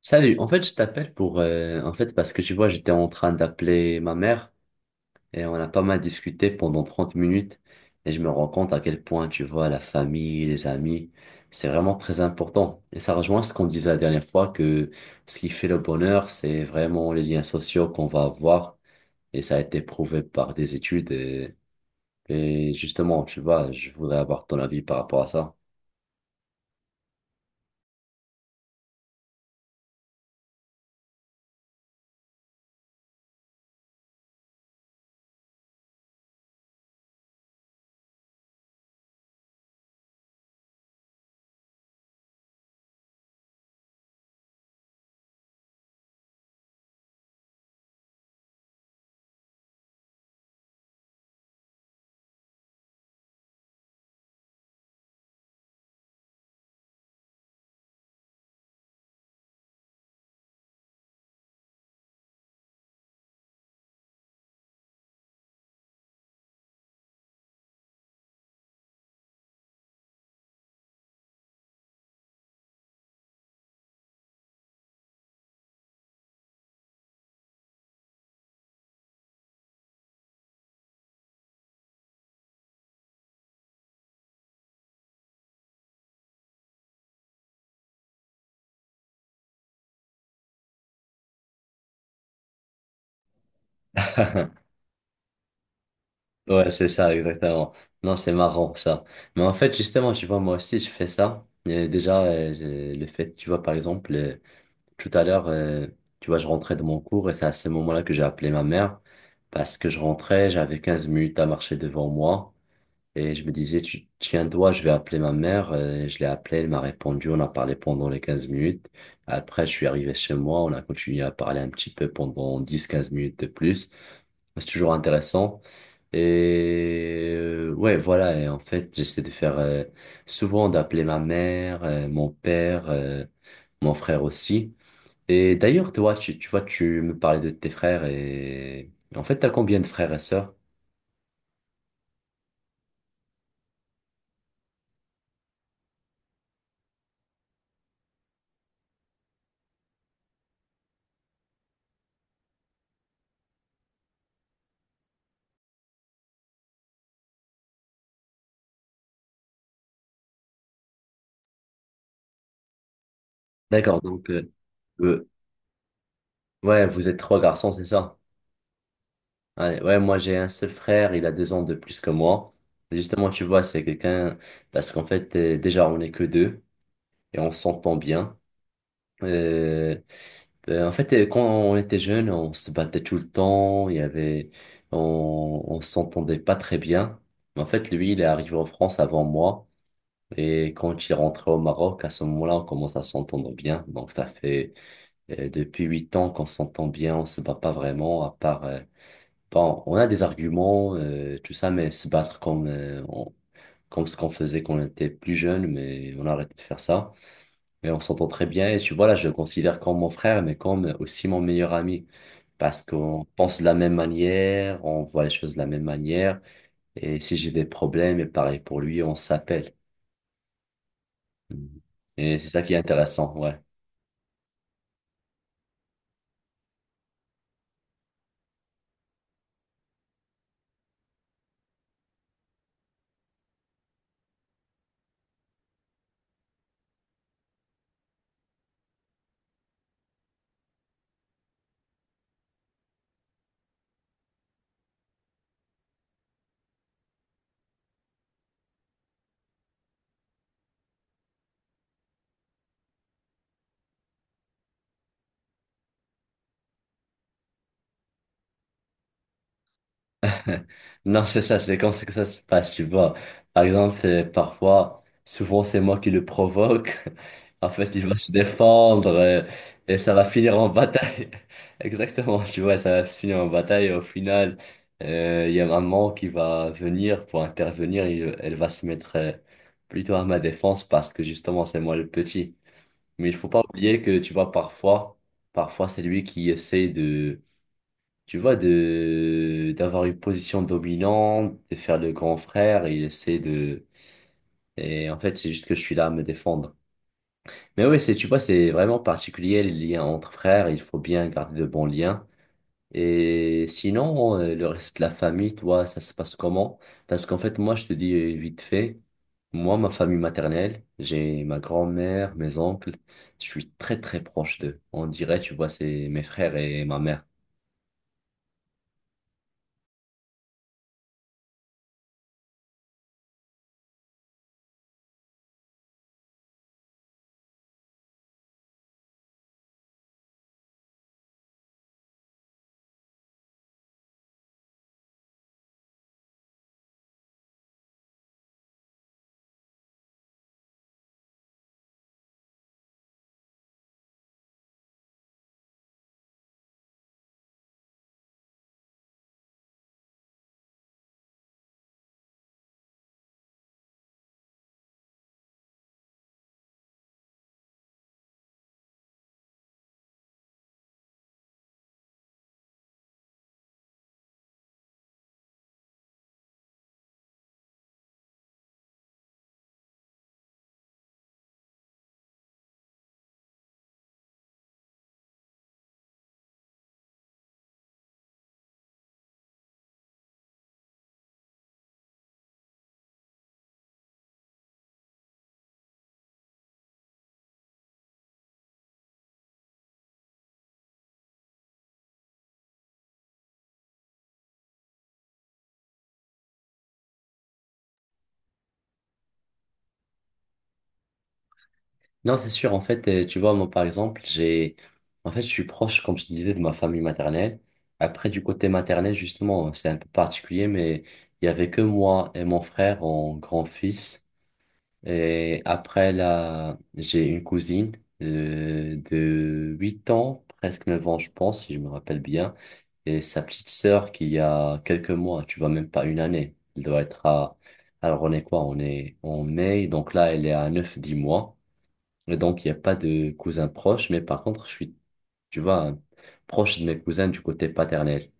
Salut, en fait, je t'appelle pour, en fait, parce que tu vois, j'étais en train d'appeler ma mère et on a pas mal discuté pendant 30 minutes. Et je me rends compte à quel point, tu vois, la famille, les amis, c'est vraiment très important. Et ça rejoint ce qu'on disait la dernière fois que ce qui fait le bonheur, c'est vraiment les liens sociaux qu'on va avoir et ça a été prouvé par des études, et justement, tu vois, je voudrais avoir ton avis par rapport à ça. Ouais, c'est ça, exactement. Non, c'est marrant, ça. Mais en fait, justement, tu vois, moi aussi, je fais ça. Et déjà, le fait, tu vois, par exemple, tout à l'heure, tu vois, je rentrais de mon cours et c'est à ce moment-là que j'ai appelé ma mère parce que je rentrais, j'avais 15 minutes à marcher devant moi et je me disais, tu tiens-toi, je vais appeler ma mère. Je l'ai appelée, elle m'a répondu, on a parlé pendant les 15 minutes. Après, je suis arrivé chez moi, on a continué à parler un petit peu pendant 10 15 minutes de plus. Bah, c'est toujours intéressant. Et ouais, voilà. Et en fait, j'essaie de faire souvent d'appeler ma mère, mon père, mon frère aussi. Et d'ailleurs, toi, tu vois, tu me parlais de tes frères et en fait, t'as combien de frères et sœurs? D'accord, donc euh, ouais, vous êtes trois garçons, c'est ça? Ouais, ouais, moi j'ai un seul frère, il a 2 ans de plus que moi. Justement, tu vois, c'est quelqu'un parce qu'en fait, déjà on n'est que deux et on s'entend bien. Euh, En fait, quand on était jeune, on se battait tout le temps, il y avait, on s'entendait pas très bien. Mais en fait, lui, il est arrivé en France avant moi. Et quand il est rentré au Maroc, à ce moment-là, on commence à s'entendre bien. Donc, ça fait depuis 8 ans qu'on s'entend bien, on se bat pas vraiment, à part, bon, on a des arguments, tout ça, mais se battre comme, comme ce qu'on faisait quand on était plus jeune, mais on a arrêté de faire ça et on s'entend très bien et tu vois, là, je le considère comme mon frère, mais comme aussi mon meilleur ami. Parce qu'on pense de la même manière, on voit les choses de la même manière. Et si j'ai des problèmes, et pareil pour lui, on s'appelle. Mhm. Et c'est ça qui est intéressant, ouais. Non, c'est ça, c'est comme ça que ça se passe, tu vois. Par exemple, parfois, souvent c'est moi qui le provoque. En fait, il va se défendre et ça va finir en bataille. Exactement, tu vois, ça va finir en bataille et au final, il y a maman qui va venir pour intervenir et elle va se mettre plutôt à ma défense parce que justement, c'est moi le petit. Mais il faut pas oublier que, tu vois, parfois c'est lui qui essaie de tu vois, de d'avoir une position dominante, de faire le grand frère, il essaie de... Et en fait, c'est juste que je suis là à me défendre. Mais oui, c'est, tu vois, c'est vraiment particulier, les liens entre frères, il faut bien garder de bons liens. Et sinon, le reste de la famille, toi, ça se passe comment? Parce qu'en fait, moi, je te dis vite fait, moi, ma famille maternelle, j'ai ma grand-mère, mes oncles, je suis très, très proche d'eux. On dirait, tu vois, c'est mes frères et ma mère. Non, c'est sûr. En fait, tu vois, moi, par exemple, en fait, je suis proche, comme je te disais, de ma famille maternelle. Après, du côté maternel, justement, c'est un peu particulier, mais il y avait que moi et mon frère en grand-fils. Et après, là, j'ai une cousine de 8 ans, presque 9 ans, je pense, si je me rappelle bien. Et sa petite sœur qui a quelques mois, tu vois, même pas une année. Elle doit être à, alors on est quoi? On est en mai, donc là, elle est à 9 10 mois. Et donc, il n'y a pas de cousins proches, mais par contre, je suis, tu vois, proche de mes cousins du côté paternel.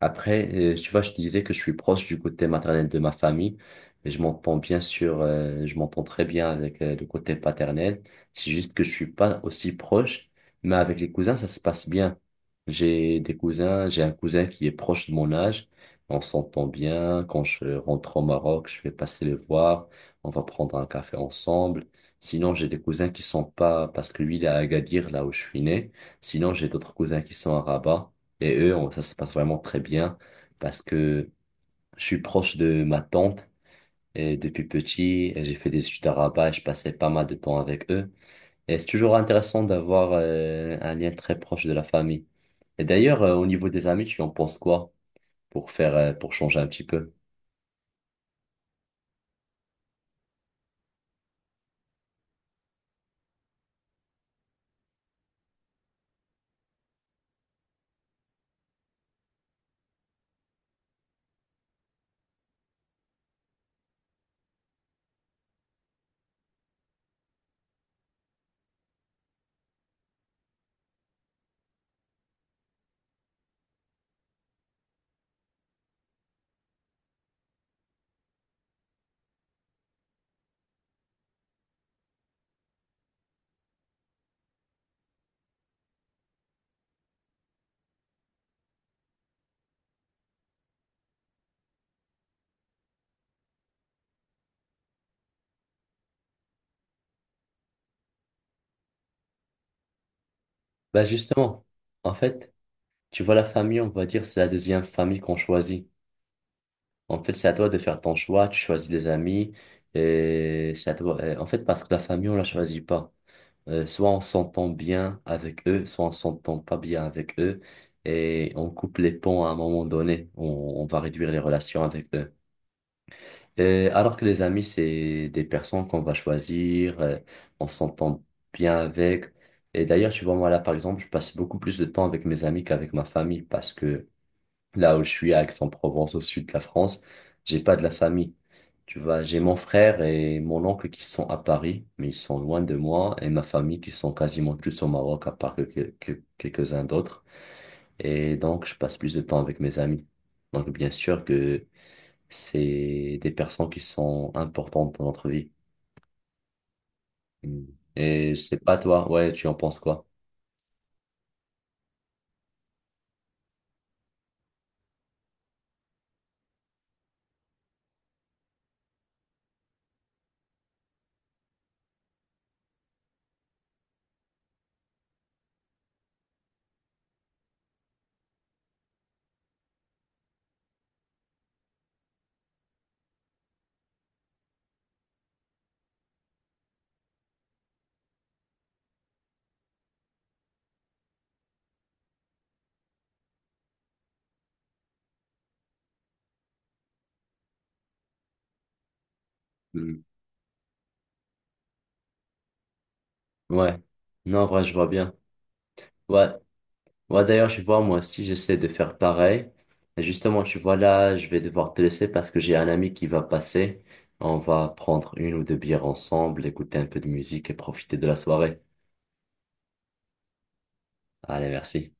Après, tu vois, je te disais que je suis proche du côté maternel de ma famille, et je m'entends bien sûr, je m'entends très bien avec le côté paternel. C'est juste que je suis pas aussi proche, mais avec les cousins, ça se passe bien. J'ai des cousins, j'ai un cousin qui est proche de mon âge, on s'entend bien. Quand je rentre au Maroc, je vais passer le voir, on va prendre un café ensemble. Sinon, j'ai des cousins qui sont pas, parce que lui, il est à Agadir, là où je suis né. Sinon, j'ai d'autres cousins qui sont à Rabat. Et eux, ça se passe vraiment très bien parce que je suis proche de ma tante et depuis petit, et j'ai fait des études à Rabat et je passais pas mal de temps avec eux. Et c'est toujours intéressant d'avoir un lien très proche de la famille. Et d'ailleurs, au niveau des amis, tu en penses quoi pour faire, pour changer un petit peu? Bah justement, en fait, tu vois, la famille, on va dire, c'est la deuxième famille qu'on choisit. En fait, c'est à toi de faire ton choix, tu choisis les amis et c'est à toi. Et en fait, parce que la famille, on la choisit pas. Soit on s'entend bien avec eux, soit on s'entend pas bien avec eux, et on coupe les ponts à un moment donné. On va réduire les relations avec eux. Et alors que les amis, c'est des personnes qu'on va choisir, on s'entend bien avec. Et d'ailleurs, tu vois, moi là, par exemple, je passe beaucoup plus de temps avec mes amis qu'avec ma famille parce que là où je suis, à Aix-en-Provence, au sud de la France, j'ai pas de la famille. Tu vois, j'ai mon frère et mon oncle qui sont à Paris, mais ils sont loin de moi, et ma famille qui sont quasiment tous au Maroc, à part quelques-uns d'autres. Et donc, je passe plus de temps avec mes amis. Donc, bien sûr que c'est des personnes qui sont importantes dans notre vie. Mm. Et je sais pas, toi, ouais, tu en penses quoi? Mm. Ouais. Non, en vrai, je vois bien. Ouais. Ouais, d'ailleurs, je vois, moi aussi, j'essaie de faire pareil. Et justement, tu vois, là, je vais devoir te laisser parce que j'ai un ami qui va passer. On va prendre une ou deux bières ensemble, écouter un peu de musique et profiter de la soirée. Allez, merci.